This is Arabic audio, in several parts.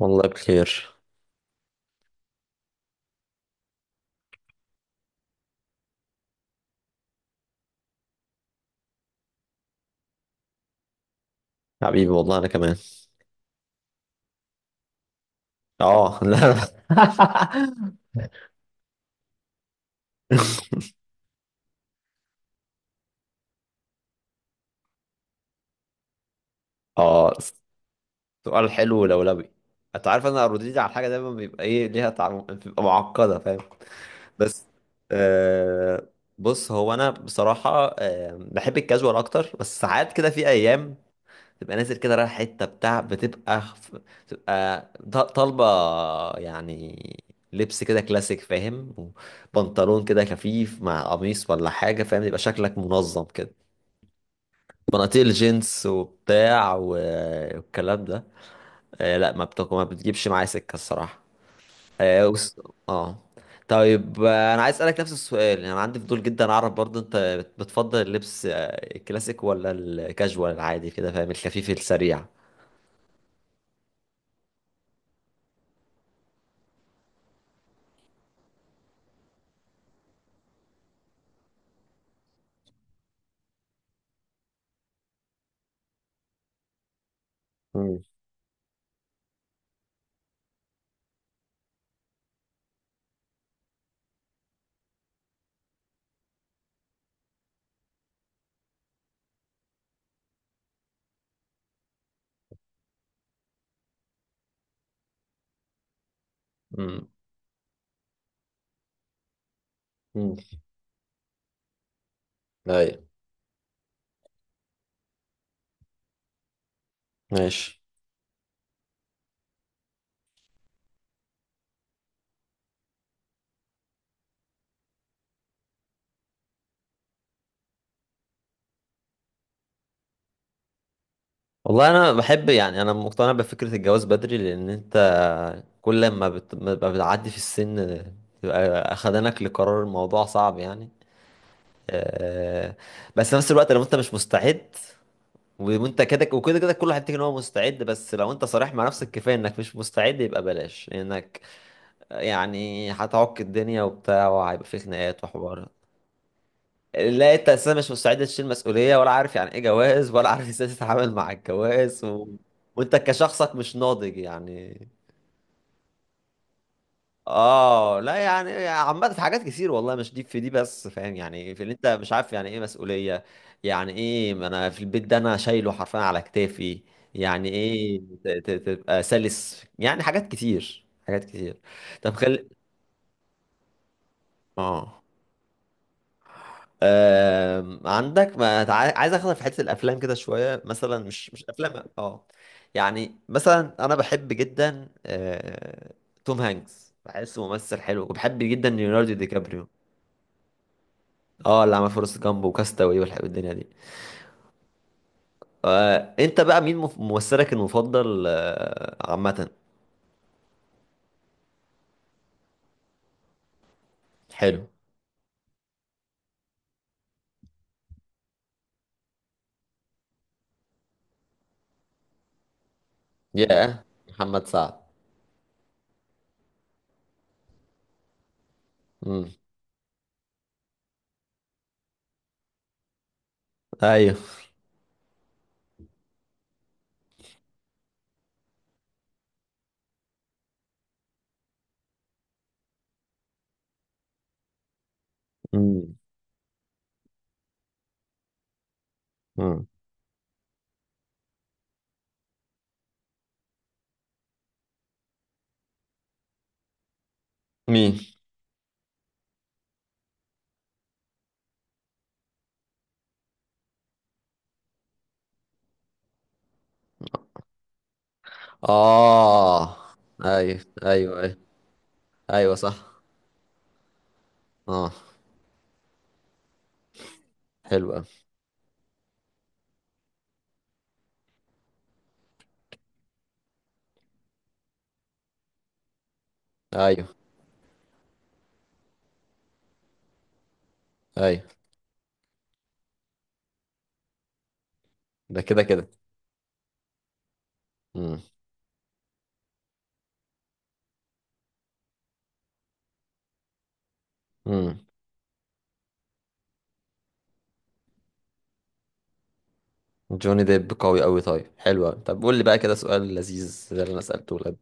والله بخير. حبيبي، والله انا كمان. اه، لا. اه، سؤال حلو لولبي. انت عارف، انا ردودي على الحاجه دايما بيبقى ايه، ليها بتبقى معقده، فاهم؟ بس آه بص، هو انا بصراحه بحب الكاجوال اكتر، بس ساعات كده في ايام تبقى نازل كده، رايح حتة بتاع، بتبقى طالبة، يعني لبس كده كلاسيك، فاهم؟ وبنطلون كده خفيف مع قميص ولا حاجة، فاهم؟ يبقى شكلك منظم كده. بناطيل جينز وبتاع والكلام ده. لا، ما بتجيبش معايا سكة الصراحة. اه، آه. طيب، انا عايز اسالك نفس السؤال، يعني انا عندي فضول جدا اعرف برضو، انت بتفضل اللبس الكلاسيك ولا الكاجوال العادي كده، فاهم؟ الخفيف السريع. مم. مم. مم. ايوه. ماشي. والله انا بحب، يعني انا مقتنع بفكره الجواز بدري، لان انت كل ما بتبقى بتعدي في السن، تبقى اخدانك لقرار الموضوع صعب يعني. آه، بس في نفس الوقت لو انت مش مستعد، وانت كده وكده كده، كل واحد يفتكر ان هو مستعد، بس لو انت صريح مع نفسك كفايه انك مش مستعد يبقى بلاش انك، يعني هتعك الدنيا وبتاع، وهيبقى في خناقات وحوار. لا، انت اساسا مش مستعد تشيل مسؤوليه، ولا عارف يعني ايه جواز، ولا عارف ازاي تتعامل مع الجواز. وانت كشخصك مش ناضج يعني. اه، لا يعني عامه في حاجات كتير، والله مش دي في دي بس، فاهم؟ يعني في اللي انت مش عارف يعني ايه مسؤوليه. يعني ايه؟ ما انا في البيت ده، انا شايله حرفيا على كتافي. يعني ايه تبقى سلس، يعني حاجات كتير حاجات كتير. طب، خلي اه آم، عندك، ما عايز اخد في حته الافلام كده شويه، مثلا مش افلام، اه. يعني مثلا انا بحب جدا توم هانكس، بحسه ممثل حلو، وبحب جدا ليوناردو دي كابريو. اه، اللي عمل فورست جامب وكاستاوي والدنيا دي. انت بقى مين ممثلك المفضل عامه؟ حلو. يا محمد سعد. امم. ايوه. امم. امم. مين؟ اه. ايوه، ايوه، ايوه، أيوة. صح. اه. حلو أوي. أيوه، أيوه. ده كده كده. مم. مم. جوني ديب قوي أوي، طيب. حلو أوي. طب قول لي بقى كده سؤال لذيذ زي اللي أنا سألته لك.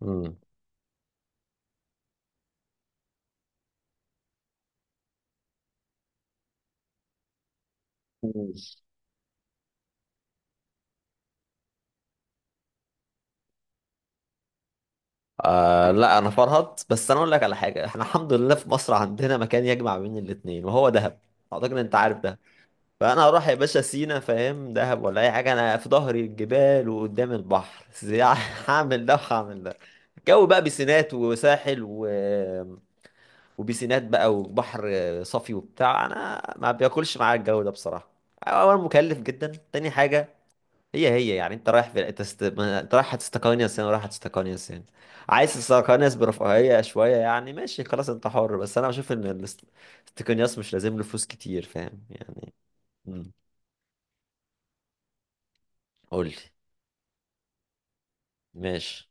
مم. مم. لا، أنا فرهط بس، أنا أقول لك على حاجة، إحنا الحمد لله في مصر عندنا مكان يجمع بين الاتنين، وهو دهب. أعتقد إن أنت عارف ده. فأنا هروح يا باشا سينا، فاهم؟ دهب ولا أي حاجة، أنا في ظهري الجبال وقدام البحر . هعمل ده وهعمل ده. الجو بقى بسينات وساحل وبيسينات بقى، وبحر صافي وبتاع. انا ما بياكلش معايا الجو ده بصراحه. اولا مكلف جدا، تاني حاجه هي هي يعني، انت رايح في انت است... ما- انت رايح هتستقانيس هنا، ورايح هتستقانيس هنا. عايز تستقانيس برفاهيه شويه يعني، ماشي خلاص انت حر، بس انا بشوف ان الاستقانياس مش لازم له فلوس كتير، فاهم يعني. امم. قول لي. ماشي.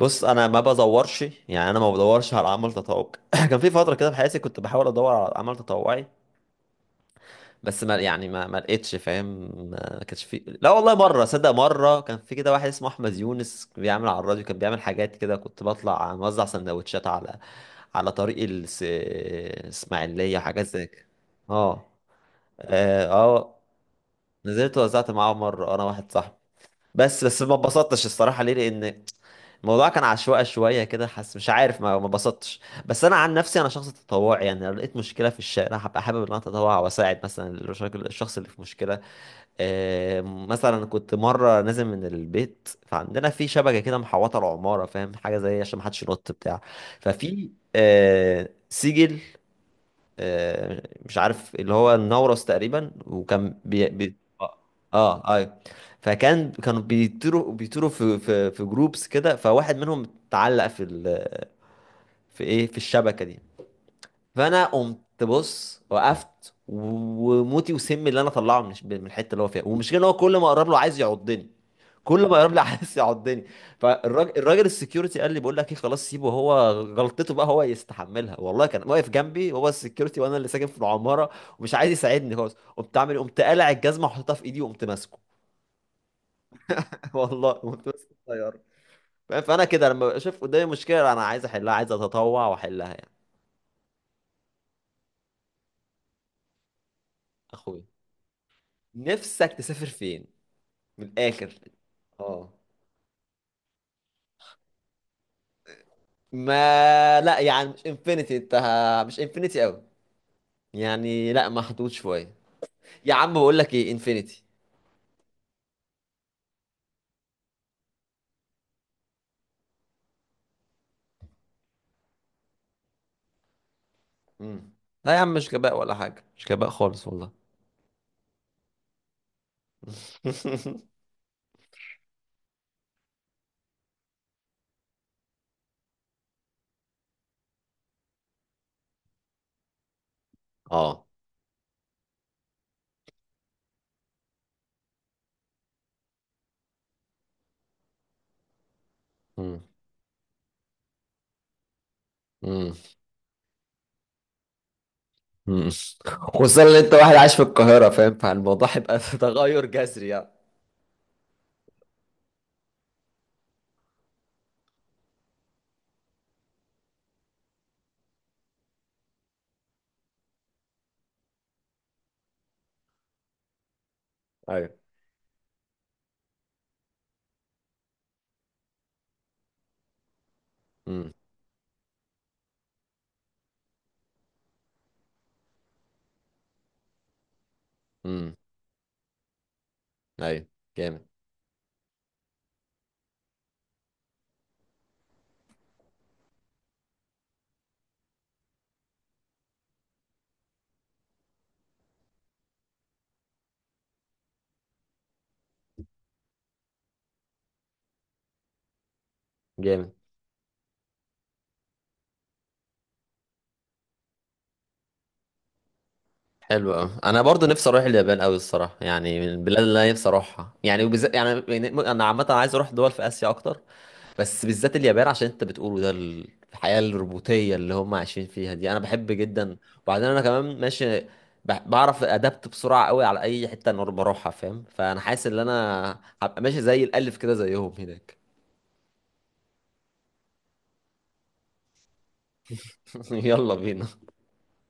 بص، انا ما بدورش على عمل تطوعي. كان في فتره كده في حياتي كنت بحاول ادور على عمل تطوعي، بس ما يعني ما ما لقيتش، فاهم؟ ما كانش في، لا والله، مره صدق، مره كان في كده واحد اسمه احمد يونس بيعمل على الراديو، كان بيعمل حاجات كده، كنت بطلع موزع سندوتشات على على طريق الاسماعيليه، وحاجات زي كده. اه. اه. آه، نزلت وزعت معاه مره انا واحد صاحبي. بس ما اتبسطتش الصراحه، ليه؟ لان الموضوع كان عشوائي شويه كده، حاسس، مش عارف، ما اتبسطتش. بس انا عن نفسي انا شخص تطوعي، يعني لو لقيت مشكله في الشارع هبقى حابب ان انا اتطوع واساعد، مثلا الشخص اللي في مشكله. مثلا كنت مرة نازل من البيت، فعندنا في شبكة كده محوطة العمارة، فاهم؟ حاجة زي عشان محدش ينط بتاع ففي سجل، مش عارف، اللي هو النورس تقريبا، وكان. اه، ايوه. كانوا بيطيروا في جروبس كده، فواحد منهم اتعلق في ال... في ايه في الشبكة دي. فانا قمت، بص، وقفت وموتي وسمي اللي انا طلعه من من الحته اللي هو فيها، والمشكله ان هو كل ما اقرب له عايز يعضني، كل ما اقرب لي عايز يعضني. فالراجل السكيورتي قال لي بقول لك ايه، خلاص سيبه هو غلطته بقى، هو يستحملها. والله كان واقف جنبي هو السكيورتي، وانا اللي ساكن في العماره، ومش عايز يساعدني خالص. قمت عامل إيه؟ قمت قالع الجزمه وحطيتها في ايدي وقمت ماسكه. والله قمت ماسك الطياره. فاهم؟ فانا كده لما بشوف قدامي مشكله، انا عايز احلها، عايز اتطوع واحلها يعني. اخويا، نفسك تسافر فين، من الاخر؟ اه، ما لا يعني مش انفينيتي، انت مش انفينيتي قوي، يعني لا محدود شويه. يا عم بقول لك ايه، انفينيتي. مم. لا يا عم، مش غباء ولا حاجه، مش غباء خالص والله. اه. مم. مم. مم. خصوصا ان انت واحد عايش في القاهره، فاهم؟ فالموضوع هيبقى تغير جذري يعني. ايوه. مم. مم. ايوه. جامد. جامد. حلو أوي. انا برضو نفسي اروح اليابان قوي الصراحه، يعني من البلاد اللي انا نفسي اروحها، يعني وبالذات يعني انا عامه عايز اروح دول في اسيا اكتر، بس بالذات اليابان، عشان انت بتقوله ده. الحياه الروبوتيه اللي هم عايشين فيها دي انا بحب جدا. وبعدين انا كمان ماشي، بعرف ادابت بسرعه قوي على اي حته انا بروحها، فاهم؟ فانا حاسس ان انا هبقى ماشي زي الالف كده زيهم هناك. يلا بينا.